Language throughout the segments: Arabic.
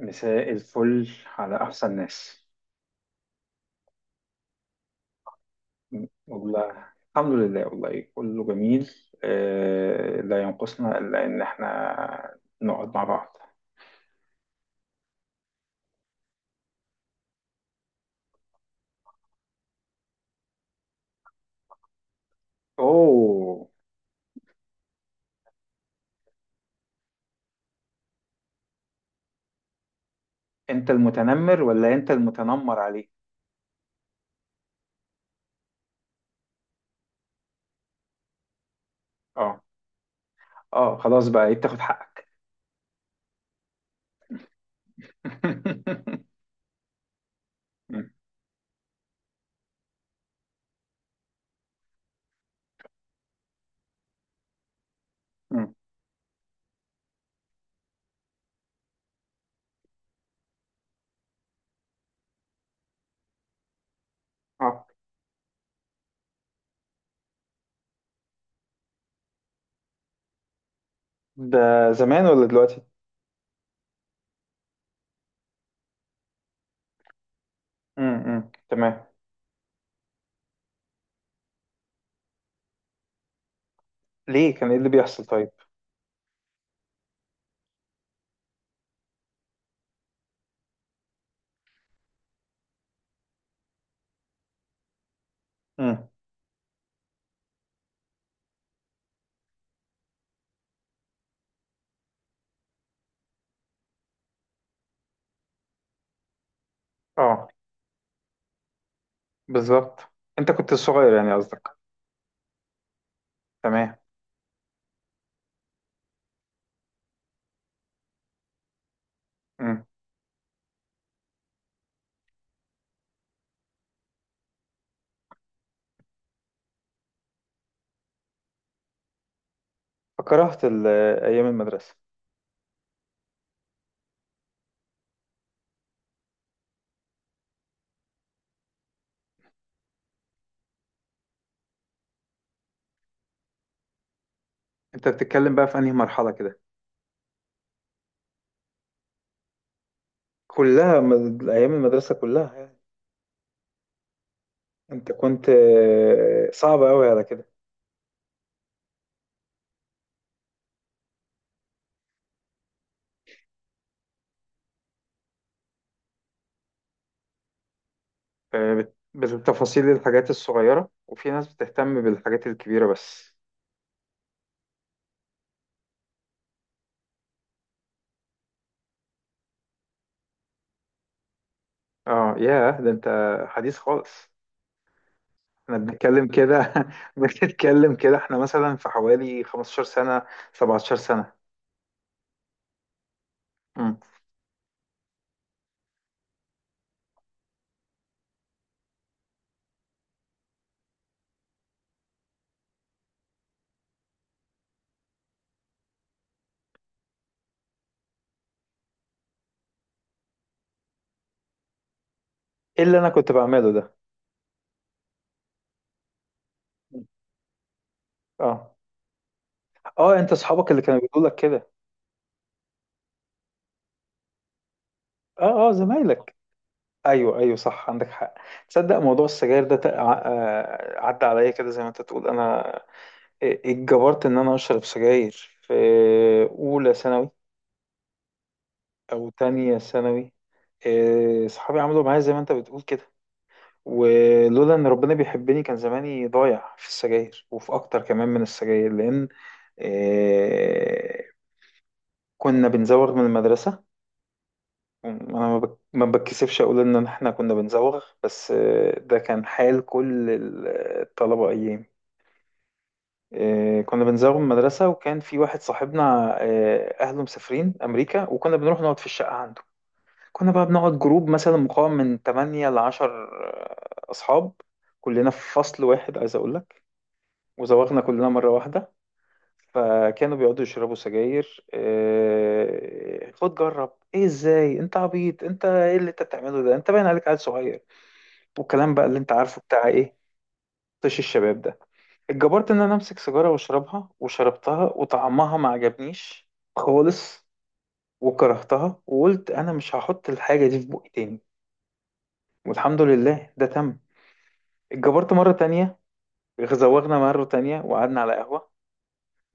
مساء الفل على أحسن ناس. والله الحمد لله، والله كله جميل. لا ينقصنا إلا إن إحنا نقعد مع بعض. أوه، أنت المتنمر ولا أنت المتنمر عليه؟ أه أه، خلاص بقى، إيه بتاخد حقك؟ مم، مم. أه، ده زمان ولا دلوقتي؟ تمام. ليه، كان إيه اللي بيحصل طيب؟ مم. أه، بالظبط، أنت كنت صغير يعني قصدك. تمام. م. فكرهت ال- أيام المدرسة. أنت بتتكلم بقى في أنهي مرحلة كده؟ أيام المدرسة كلها يعني. أنت كنت صعب أوي على كده. بالتفاصيل، الحاجات الصغيرة، وفي ناس بتهتم بالحاجات الكبيرة بس. اه ياه، ده انت حديث خالص. احنا بنتكلم كده بنتكلم كده احنا مثلا في حوالي 15 سنة، 17 سنة. مم. ايه اللي انا كنت بعمله ده؟ اه اه، انت اصحابك اللي كانوا بيقولوا لك كده؟ اه اه، زمايلك. ايوه ايوه، صح، عندك حق. تصدق موضوع السجاير ده عدى عليا كده زي ما انت تقول. اتجبرت ان انا اشرب سجاير في اولى ثانوي او تانية ثانوي. صحابي عملوا معايا زي ما انت بتقول كده، ولولا ان ربنا بيحبني كان زماني ضايع في السجاير وفي اكتر كمان من السجاير، لان إيه، كنا بنزوغ من المدرسة. انا ما بتكسفش اقول ان احنا كنا بنزوغ، بس ده كان حال كل الطلبه ايام. كنا بنزوغ من المدرسه، وكان في واحد صاحبنا اهله مسافرين امريكا، وكنا بنروح نقعد في الشقه عنده. كنا بقى بنقعد جروب مثلا مقام من 8 ل 10 اصحاب، كلنا في فصل واحد عايز اقول لك، وزوغنا كلنا مره واحده. فكانوا بيقعدوا يشربوا سجاير. خد جرب، ايه ازاي، انت عبيط، انت ايه اللي انت بتعمله ده، انت باين عليك عيل صغير، والكلام بقى اللي انت عارفه بتاع ايه، طش الشباب ده. اتجبرت ان انا امسك سيجاره واشربها، وشربتها وطعمها ما عجبنيش خالص، وكرهتها وقلت انا مش هحط الحاجه دي في بقي تاني، والحمد لله ده تم. اتجبرت مره تانية، زوغنا مره تانية وقعدنا على قهوه،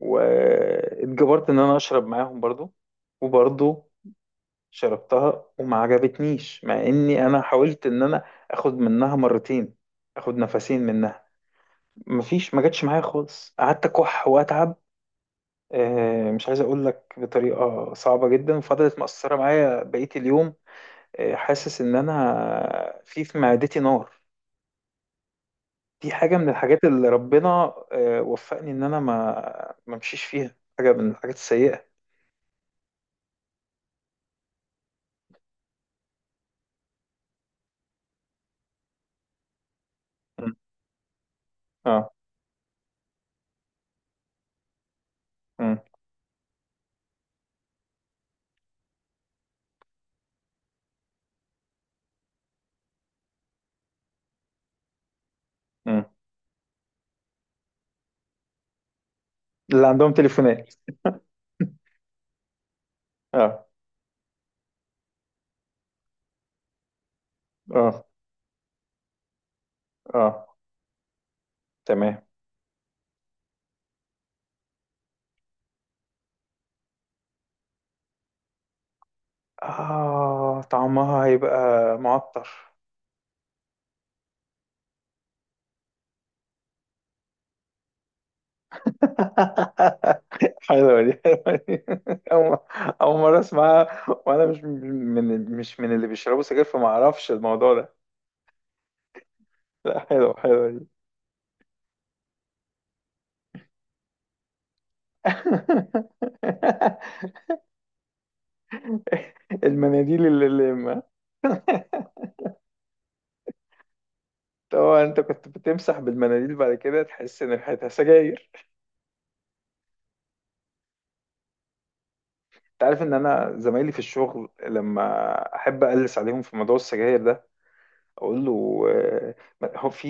واتجبرت ان انا اشرب معاهم برضو، وبرضه شربتها وما عجبتنيش، مع اني انا حاولت ان انا اخد منها مرتين، اخد نفسين منها. مفيش، ما جاتش معايا خالص، قعدت اكح واتعب. مش عايز اقول لك بطريقه صعبه جدا، فضلت مأثره معايا بقيه اليوم. حاسس ان انا في معدتي نار. دي حاجه من الحاجات اللي ربنا وفقني ان انا ما امشيش فيها، حاجه من الحاجات السيئه. م. اه. م. م. اللي عندهم تليفونات. اه اه اه. تمام. آه، طعمها هيبقى معطر. حلوة دي، حلوة دي. أول أول مرة أسمعها، وأنا مش من مش من اللي بيشربوا سجاير، فما أعرفش الموضوع ده. لا حلوة، حلوة دي. المناديل اللي ما، طبعا أنت كنت بتمسح بالمناديل بعد كده تحس إن ريحتها سجاير. أنت عارف إن أنا زمايلي في الشغل، لما أحب أقلس عليهم في موضوع السجاير ده اقول له، هو في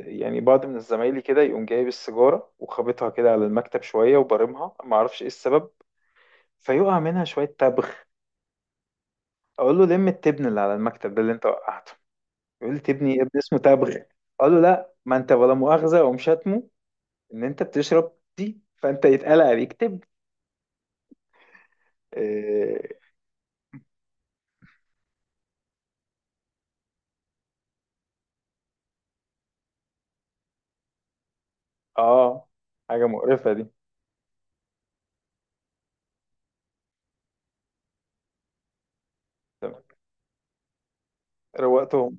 يعني بعض من زمايلي كده، يقوم جايب السيجاره وخابطها كده على المكتب شويه وبرمها، ما اعرفش ايه السبب، فيقع منها شويه تبغ. اقول له لم التبن اللي على المكتب ده اللي انت وقعته، يقول لي تبني يا ابني اسمه تبغ، اقول له لا، ما انت ولا مؤاخذه، اقوم شاتمه ان انت بتشرب دي، فانت يتقال عليك تبن. اه. آه، حاجه مقرفه دي. تمام. روقتهم.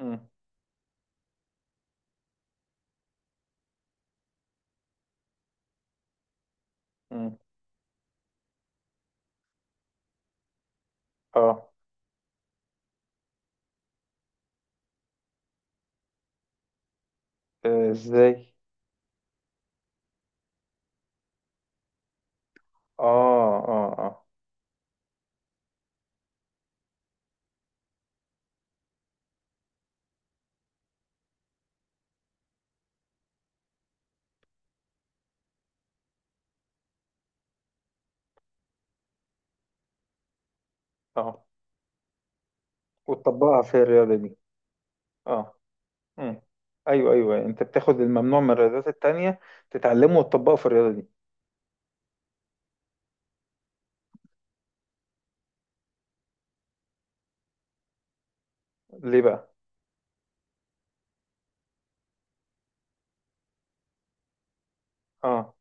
مم، مم. اه. آه، ازاي؟ اه اه اه. اه، وتطبقها في الرياضة دي. اه. امم، ايوه ايوه، انت بتاخد الممنوع من الرياضات التانية، تتعلمه وتطبقه في الرياضة دي. ليه بقى؟ اه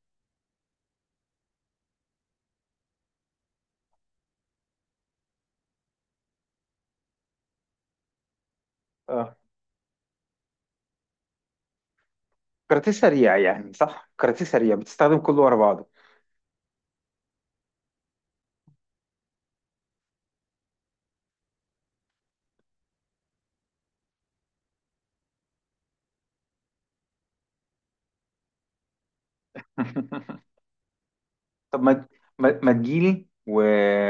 اه. كاراتيه سريع يعني، صح، كاراتيه سريع بتستخدم كله ورا بعضه. طب ما، ما تجيلي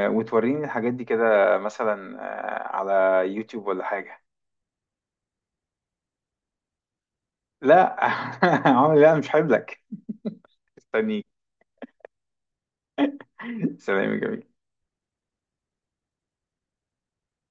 وتوريني الحاجات دي كده مثلا، على يوتيوب ولا حاجة. لا عمري، لا مش هجيب لك، استنيك. سلام يا جميل.